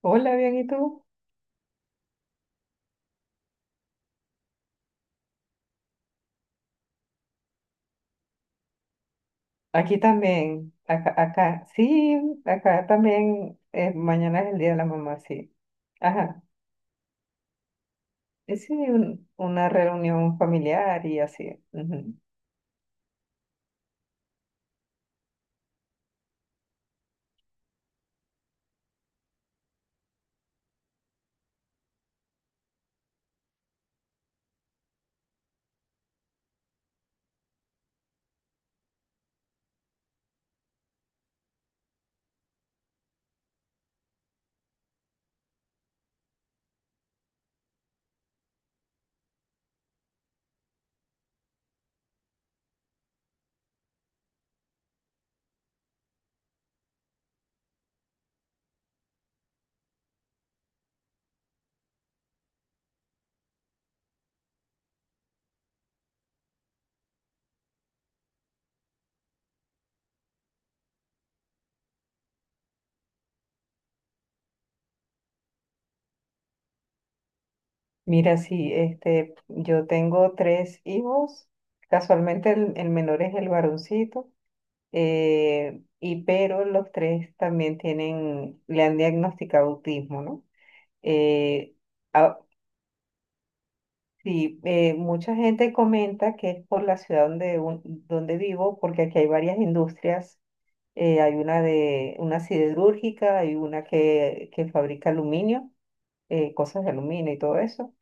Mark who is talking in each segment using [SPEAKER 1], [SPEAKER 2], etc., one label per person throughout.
[SPEAKER 1] Hola, bien, ¿y tú? Aquí también, acá, sí, acá también, mañana es el Día de la Mamá, sí. Ajá, sí, una reunión familiar y así. Ujú. Mira, sí, este, yo tengo tres hijos, casualmente el menor es el varoncito, y pero los tres también tienen, le han diagnosticado autismo, ¿no? Eh, Sí, mucha gente comenta que es por la ciudad donde, donde vivo, porque aquí hay varias industrias. Hay una de una siderúrgica, hay una que fabrica aluminio, cosas de aluminio y todo eso.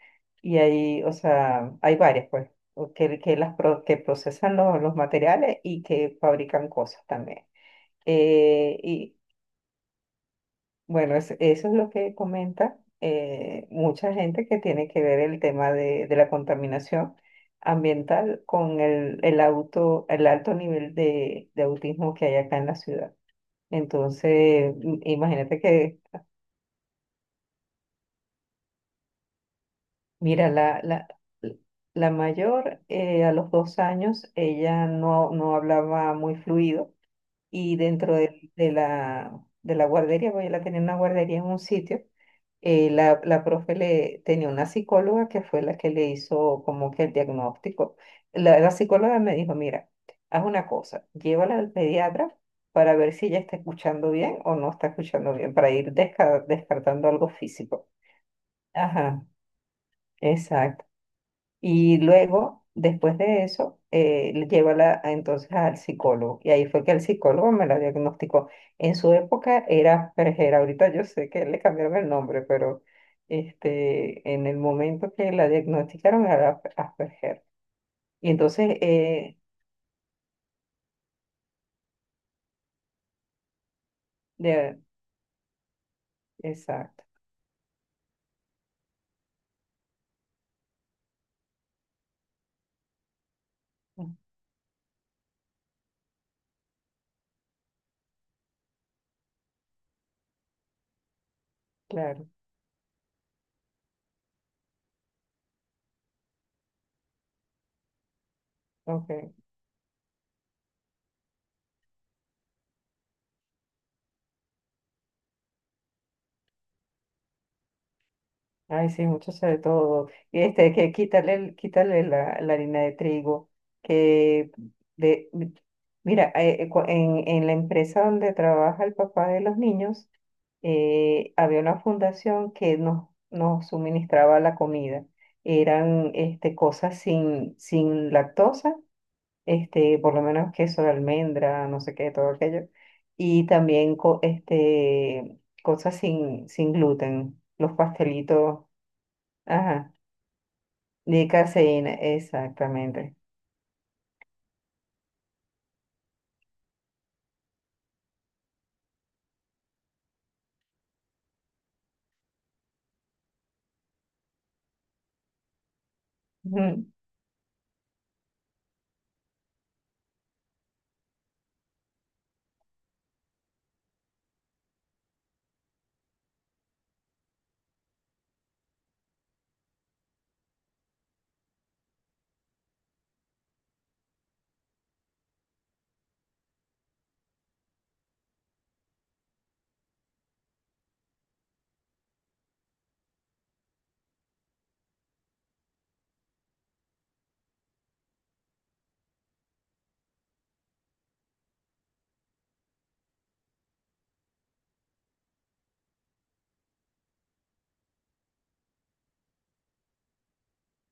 [SPEAKER 1] Y hay, o sea, hay varias, pues, o que las que procesan los materiales y que fabrican cosas también. Eh, bueno, eso es lo que comenta mucha gente que tiene que ver el tema de la contaminación ambiental con el auto, el alto nivel de autismo que hay acá en la ciudad. Entonces, imagínate que, mira, la mayor a los 2 años, ella no hablaba muy fluido y dentro de la guardería, porque ella la tenía en una guardería en un sitio la profe tenía una psicóloga que fue la que le hizo como que el diagnóstico. La psicóloga me dijo, mira, haz una cosa, llévala al pediatra para ver si ella está escuchando bien o no está escuchando bien, para ir descartando algo físico. Ajá, exacto. Y luego, después de eso, llévala entonces al psicólogo. Y ahí fue que el psicólogo me la diagnosticó. En su época era Perjera, ahorita yo sé que le cambiaron el nombre, pero este, en el momento que la diagnosticaron era Asperger. Y entonces, de- exacto, mm, claro, ok. Ay, sí, mucho sobre todo. Y este, que quítale quitarle la harina de trigo, que de, mira, en la empresa donde trabaja el papá de los niños, había una fundación que nos suministraba la comida. Eran este, cosas sin lactosa, este, por lo menos queso de almendra, no sé qué, todo aquello. Y también este, cosas sin gluten, los pastelitos. Ajá, de caseína, exactamente. Ujú.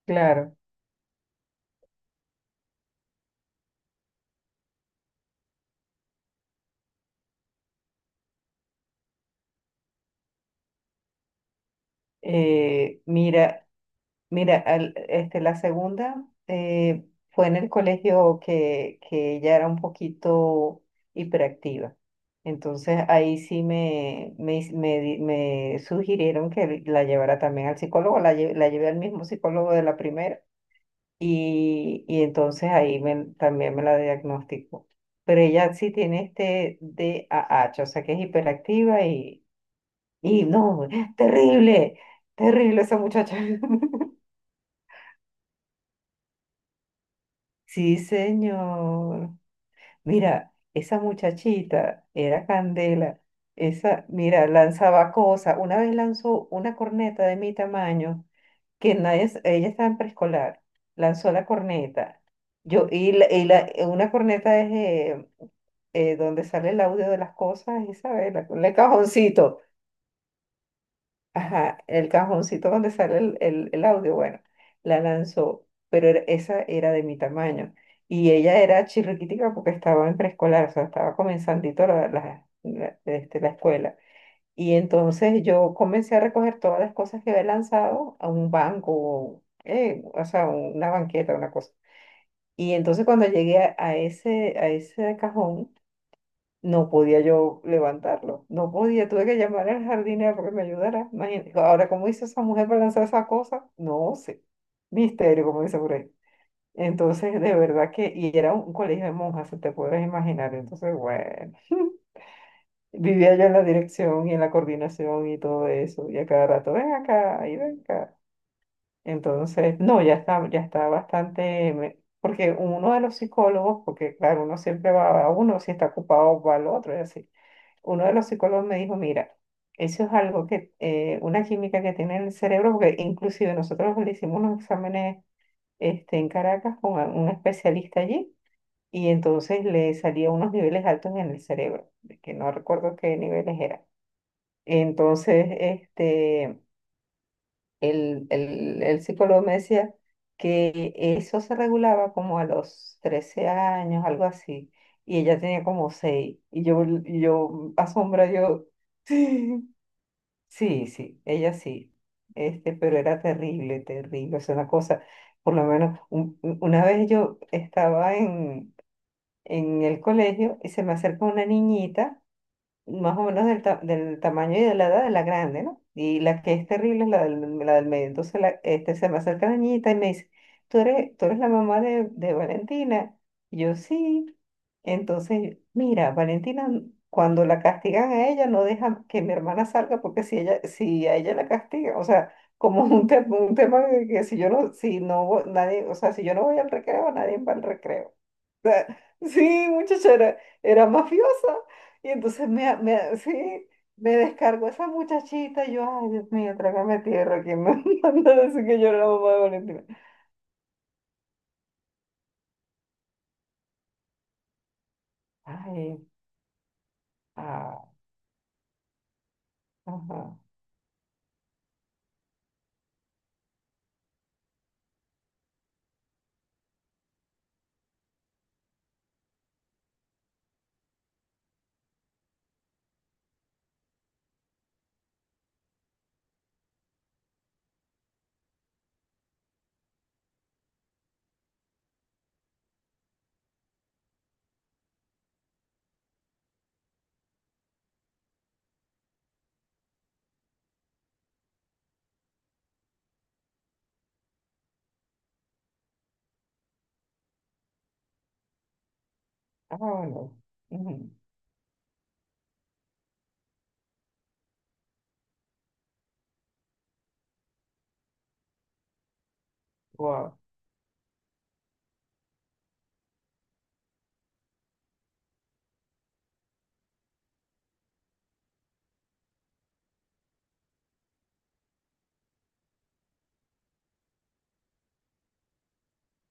[SPEAKER 1] Claro. Mira, mira, este, la segunda fue en el colegio que ella era un poquito hiperactiva. Entonces ahí sí me, hiz- me di- me sugirieron que la llevara también al psicólogo, la llevé al mismo psicólogo de la primera. Y entonces ahí también me la diagnosticó. Pero ella sí tiene este DAH, o sea que es hiperactiva y no, terrible, terrible esa muchacha. Sí, señor. Mira, esa muchachita era candela. Esa, mira, lanzaba cosas. Una vez lanzó una corneta de mi tamaño, que nadie, ella estaba en preescolar. Lanzó la corneta. Yo, y la- una corneta es donde sale el audio de las cosas, Isabel, el cajoncito, ajá, el cajoncito donde sale el audio, bueno, la lanzó, pero esa era de mi tamaño. Y ella era chirriquitica porque estaba en preescolar, o sea, estaba comenzandito este, la escuela. Y entonces yo comencé a recoger todas las cosas que había lanzado a un banco, o sea, una banqueta, una cosa. Y entonces cuando llegué a ese cajón, no podía yo levantarlo, no podía, tuve que llamar al jardinero para que me ayudara. Imagínate, ahora, ¿cómo hizo esa mujer para lanzar esa cosa? No sé, misterio, como dice por ahí. Entonces, de verdad que, y era un colegio de monjas, se te puedes imaginar, entonces, bueno, vivía yo en la dirección y en la coordinación y todo eso, y a cada rato, ven acá, y ven acá. Entonces, no, ya está bastante, porque uno de los psicólogos, porque claro, uno siempre va a uno, si está ocupado va al otro, y así uno de los psicólogos me dijo, mira, eso es algo que, una química que tiene en el cerebro, porque inclusive nosotros le hicimos unos exámenes este, en Caracas con un especialista allí y entonces le salía unos niveles altos en el cerebro, de que no recuerdo qué niveles eran. Entonces, este, el psicólogo me decía que eso se regulaba como a los 13 años, algo así, y ella tenía como 6 y yo asombra, yo... Sí, sí, ella sí. Este, pero era terrible, terrible. Es una cosa, por lo menos, una vez yo estaba en el colegio y se me acercó una niñita más o menos del tamaño y de la edad de la grande, ¿no? Y la que es terrible es la del medio. Entonces este, se me acerca la niñita y me dice, ¿tú eres la mamá de Valentina? Y yo sí. Entonces, mira, Valentina, cuando la castigan a ella, no deja que mi hermana salga porque si a ella la castigan, o sea, como un tema de que si yo no, si no, vo- nadie, o sea, si yo no voy al recreo, nadie va al recreo. sea, Sí, muchacha, era mafiosa. Y entonces sí, me descargo esa muchachita. Y yo, ay, Dios mío, trágame tierra. ¿Quién me manda a decir que yo era la mamá de Valentina? Ay, ah, ajá, ah, bueno. Wow,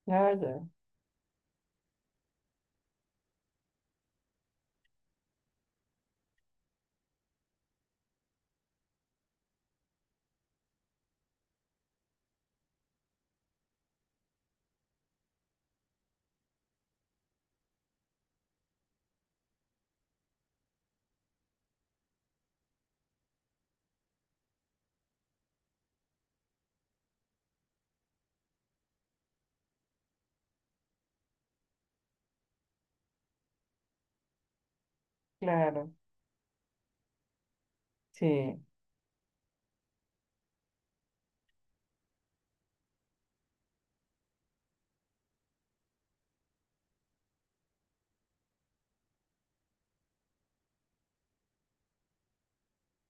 [SPEAKER 1] ya, ya, claro, sí,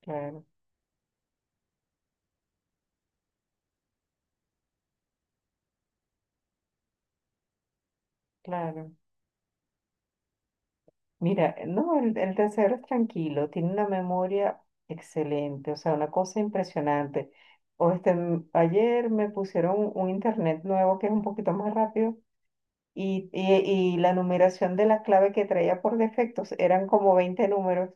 [SPEAKER 1] claro, claro. Mira, no, el tercero es tranquilo, tiene una memoria excelente, o sea, una cosa impresionante. O este, ayer me pusieron un internet nuevo que es un poquito más rápido y, y la numeración de la clave que traía por defectos eran como 20 números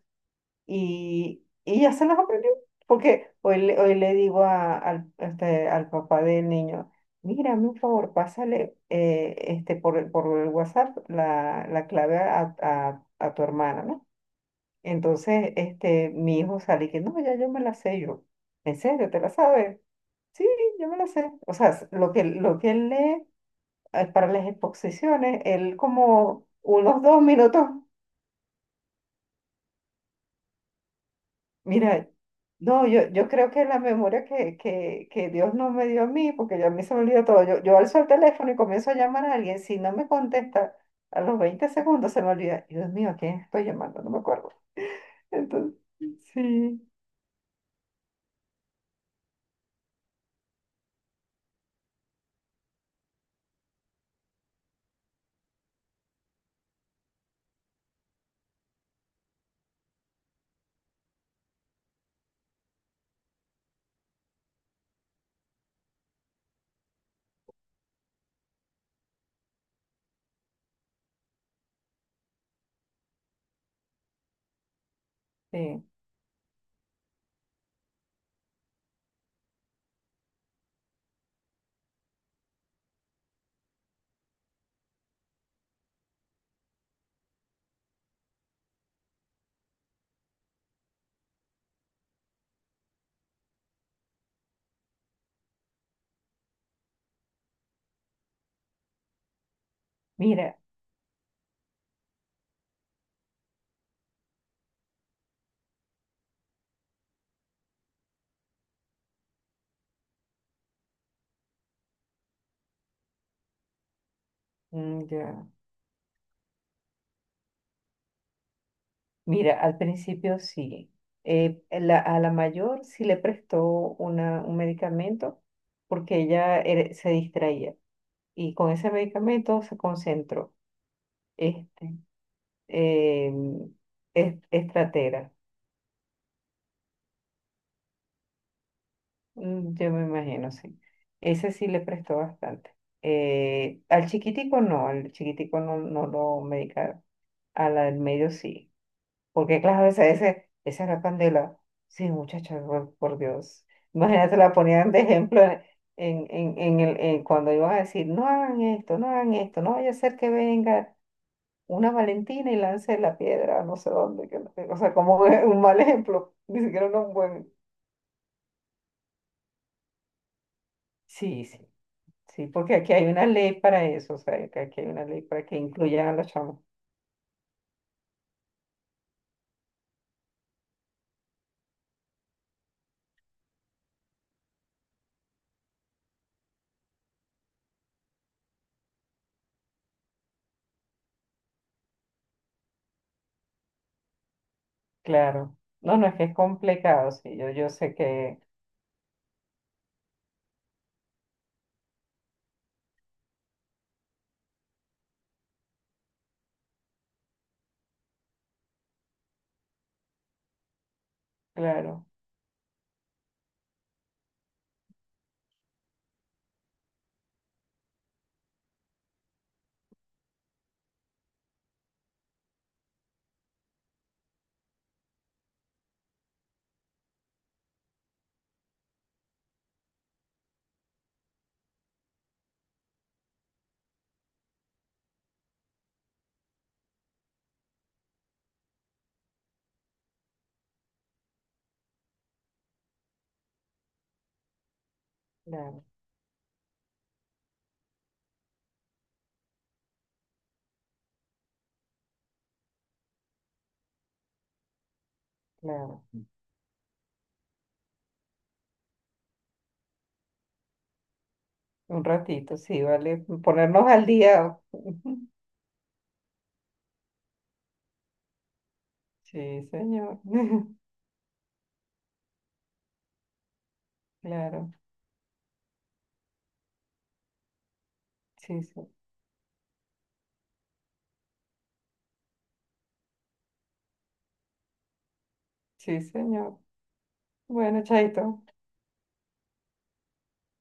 [SPEAKER 1] y ya se los aprendió. Porque hoy le digo este, al papá del niño, mira, hazme un favor, pásale este, por el WhatsApp la clave a tu hermana, ¿no? Entonces, este, mi hijo sale que no, ya yo me la sé yo. ¿En serio? ¿Te la sabes? Sí, yo me la sé. O sea, lo que, él lee para las exposiciones, él como unos 2 minutos, mira, no, yo creo que la memoria que Dios no me dio a mí, porque yo a mí se me olvida todo, yo alzo el teléfono y comienzo a llamar a alguien, si no me contesta, a los 20 segundos se me olvida, Dios mío, ¿a quién estoy llamando? No me acuerdo. Entonces, sí, sí, mira, mm, ya. Mira, al principio sí. A la mayor sí le prestó un medicamento porque se distraía y con ese medicamento se concentró. Este, em, estratera, mm, yo me imagino, sí. Ese sí le prestó bastante. Al chiquitico no, no lo medicaron. A la del medio sí. Porque claro, esa era Candela. Sí, muchacha, por Dios. Imagínate, la ponían de ejemplo en el, en cuando iban a decir, no hagan esto, no hagan esto, no vaya a ser que venga una Valentina y lance la piedra a no sé dónde. Que no sé". O sea, como es un mal ejemplo, ni siquiera un buen... Sí, sí, sí, porque aquí hay una ley para eso, o sea, que aquí hay una ley para que incluyan a los chamos. Claro. No, no, es que es complicado, sí, yo sé que, claro, claro, claro. Un ratito, sí, vale. Ponernos al día. Sí, señor. Claro. Sí, sí. Sí, señor. Bueno, chaito.